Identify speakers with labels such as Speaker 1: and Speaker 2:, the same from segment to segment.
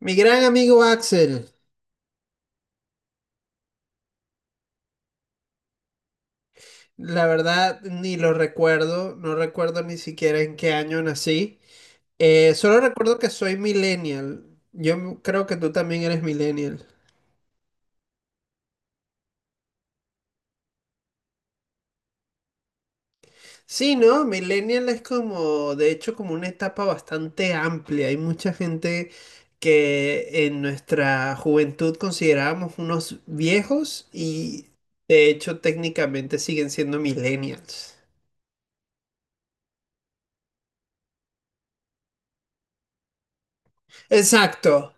Speaker 1: Mi gran amigo Axel, la verdad ni lo recuerdo, no recuerdo ni siquiera en qué año nací. Solo recuerdo que soy millennial. Yo creo que tú también eres millennial. Sí, ¿no? Millennial es como, de hecho, como una etapa bastante amplia. Hay mucha gente que en nuestra juventud considerábamos unos viejos y de hecho técnicamente siguen siendo millennials. Exacto.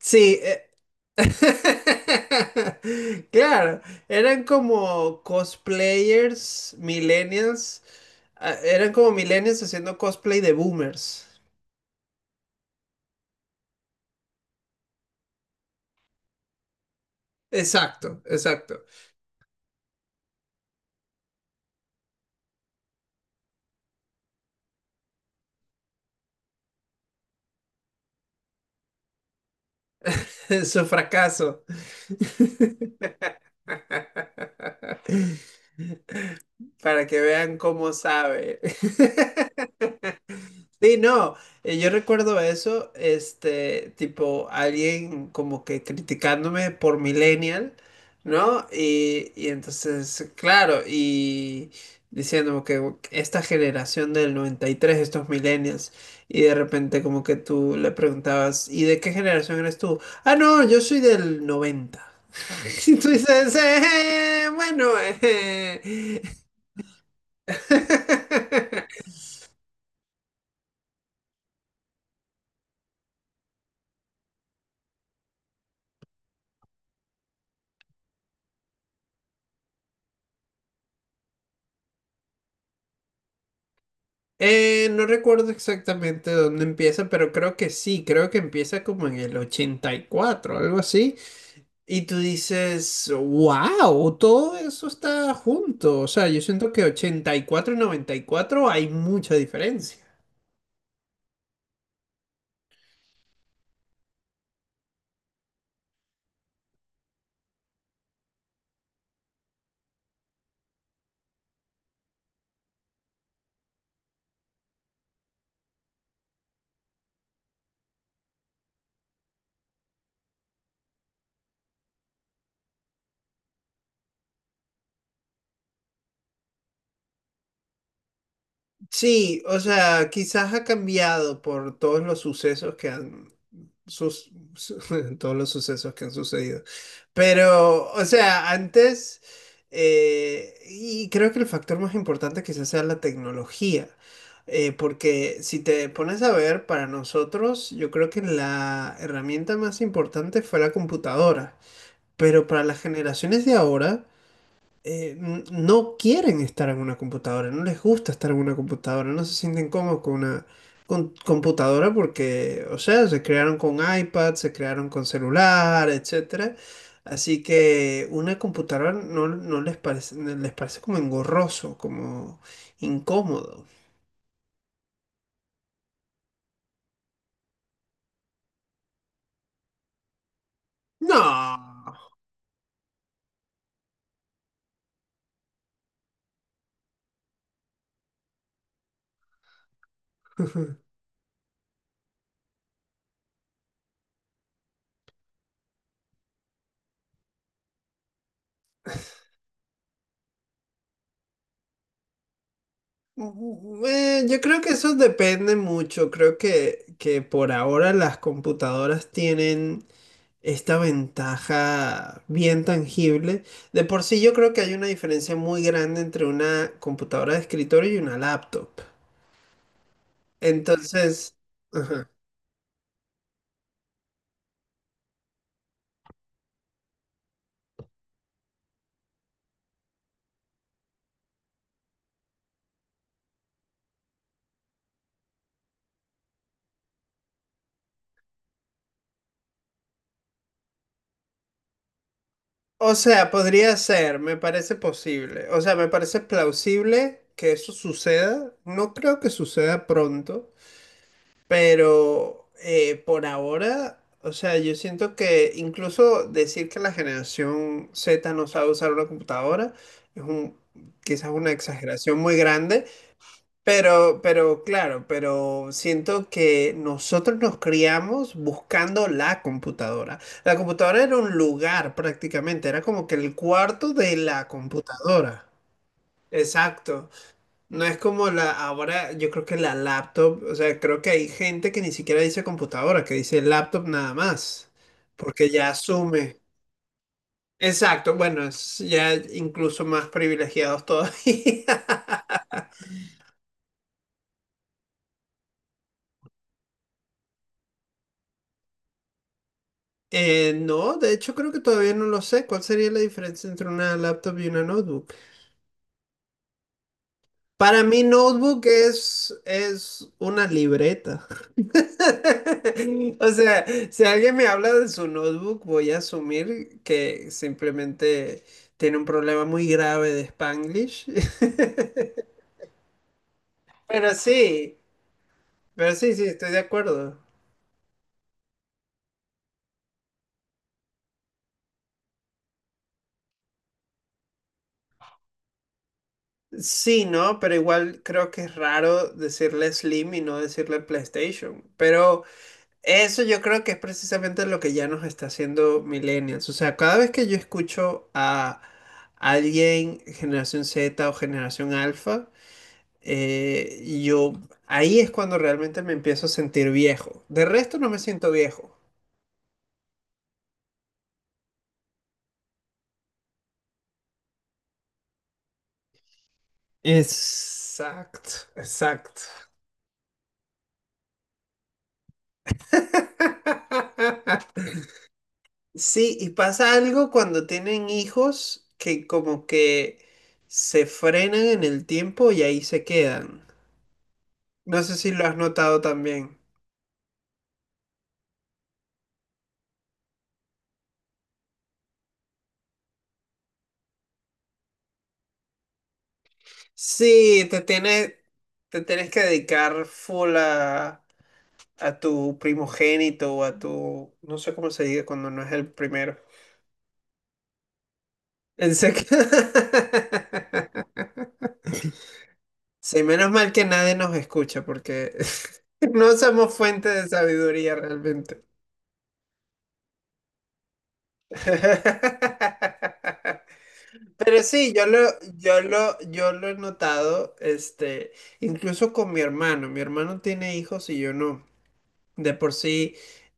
Speaker 1: Sí, claro, eran como cosplayers, millennials, ah, eran como millennials haciendo cosplay de boomers. Exacto, exacto. Su fracaso, para que vean cómo sabe. Sí, no, yo recuerdo eso, este, tipo, alguien como que criticándome por millennial, ¿no? Y entonces, claro, y diciéndome que esta generación del 93, estos millennials, y de repente como que tú le preguntabas, ¿y de qué generación eres tú? Ah, no, yo soy del 90. Y tú dices: bueno, eh". No recuerdo exactamente dónde empieza, pero creo que sí, creo que empieza como en el 84, algo así. Y tú dices, wow, todo eso está junto. O sea, yo siento que 84 y 94 hay mucha diferencia. Sí, o sea, quizás ha cambiado por todos los sucesos que han todos los sucesos que han sucedido. Pero, o sea, antes, y creo que el factor más importante quizás sea la tecnología. Porque si te pones a ver, para nosotros, yo creo que la herramienta más importante fue la computadora. Pero para las generaciones de ahora, no quieren estar en una computadora, no les gusta estar en una computadora, no se sienten cómodos con una computadora porque, o sea, se crearon con iPad, se crearon con celular, etcétera. Así que una computadora no, no les parece, les parece como engorroso, como incómodo. No. Ujú. Yo creo que eso depende mucho. Creo que por ahora las computadoras tienen esta ventaja bien tangible. De por sí yo creo que hay una diferencia muy grande entre una computadora de escritorio y una laptop. Entonces, ajá. O sea, podría ser, me parece posible. O sea, me parece plausible que eso suceda. No creo que suceda pronto. Pero por ahora, o sea, yo siento que incluso decir que la generación Z no sabe usar una computadora es un, quizás una exageración muy grande, pero, claro, pero siento que nosotros nos criamos buscando la computadora. La computadora era un lugar prácticamente, era como que el cuarto de la computadora. Exacto. No es como ahora yo creo que la laptop, o sea, creo que hay gente que ni siquiera dice computadora, que dice laptop nada más, porque ya asume. Exacto, bueno, es ya incluso más privilegiados todavía. No, de hecho creo que todavía no lo sé. ¿Cuál sería la diferencia entre una laptop y una notebook? Para mí, notebook es una libreta. O sea, si alguien me habla de su notebook, voy a asumir que simplemente tiene un problema muy grave de Spanglish. Pero sí, sí, estoy de acuerdo. Sí, ¿no? Pero igual creo que es raro decirle Slim y no decirle PlayStation. Pero eso yo creo que es precisamente lo que ya nos está haciendo Millennials. O sea, cada vez que yo escucho a alguien generación Z o generación Alfa, yo ahí es cuando realmente me empiezo a sentir viejo. De resto no me siento viejo. Exacto, exacto. Sí, y pasa algo cuando tienen hijos que como que se frenan en el tiempo y ahí se quedan. No sé si lo has notado también. Sí, te tienes que dedicar full a tu primogénito o a tu, no sé cómo se diga cuando no es el primero. En sec- Sí, menos mal que nadie nos escucha porque no somos fuente de sabiduría realmente. Pero sí, yo lo he notado, este, incluso con mi hermano. Mi hermano tiene hijos y yo no. De por sí,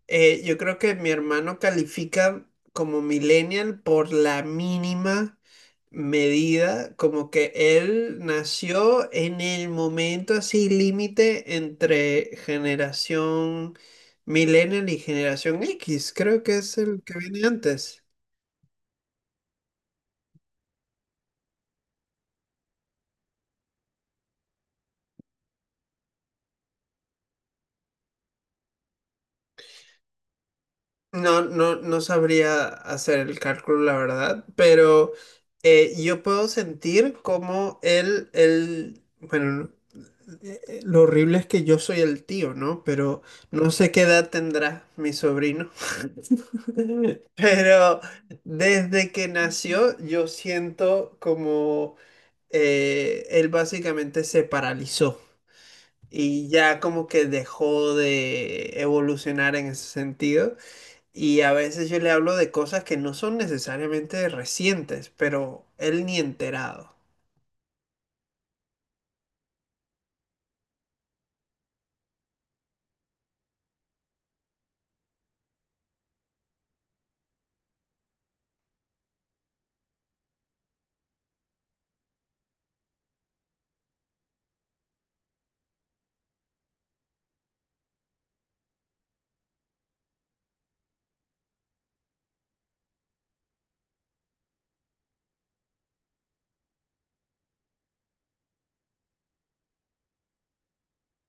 Speaker 1: yo creo que mi hermano califica como millennial por la mínima medida, como que él nació en el momento así límite entre generación millennial y generación X, creo que es el que viene antes. No, no, no sabría hacer el cálculo, la verdad, pero yo puedo sentir como él, bueno. Lo horrible es que yo soy el tío, ¿no? Pero no sé qué edad tendrá mi sobrino. Pero desde que nació, yo siento como él básicamente se paralizó y ya como que dejó de evolucionar en ese sentido. Y a veces yo le hablo de cosas que no son necesariamente recientes, pero él ni enterado.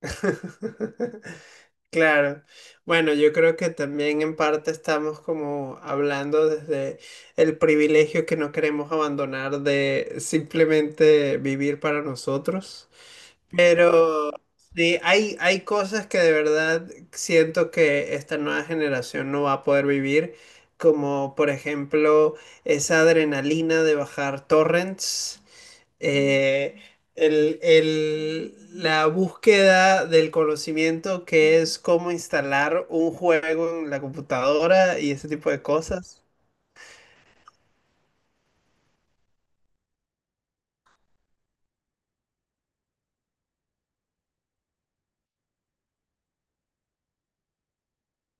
Speaker 1: Claro. Bueno, yo creo que también en parte estamos como hablando desde el privilegio que no queremos abandonar de simplemente vivir para nosotros. Pero sí, hay cosas que de verdad siento que esta nueva generación no va a poder vivir, como por ejemplo esa adrenalina de bajar torrents, eh, la búsqueda del conocimiento que es cómo instalar un juego en la computadora y ese tipo de cosas.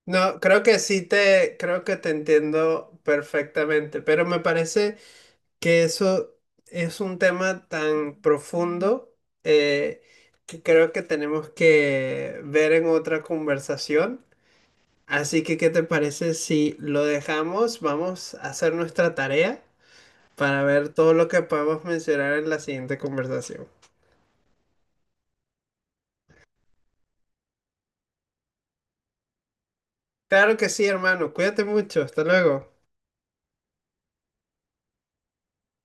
Speaker 1: No, creo que creo que te entiendo perfectamente, pero me parece que eso es un tema tan profundo, eh, que creo que tenemos que ver en otra conversación. Así que, ¿qué te parece si lo dejamos? Vamos a hacer nuestra tarea para ver todo lo que podemos mencionar en la siguiente conversación. Claro que sí, hermano. Cuídate mucho. Hasta luego.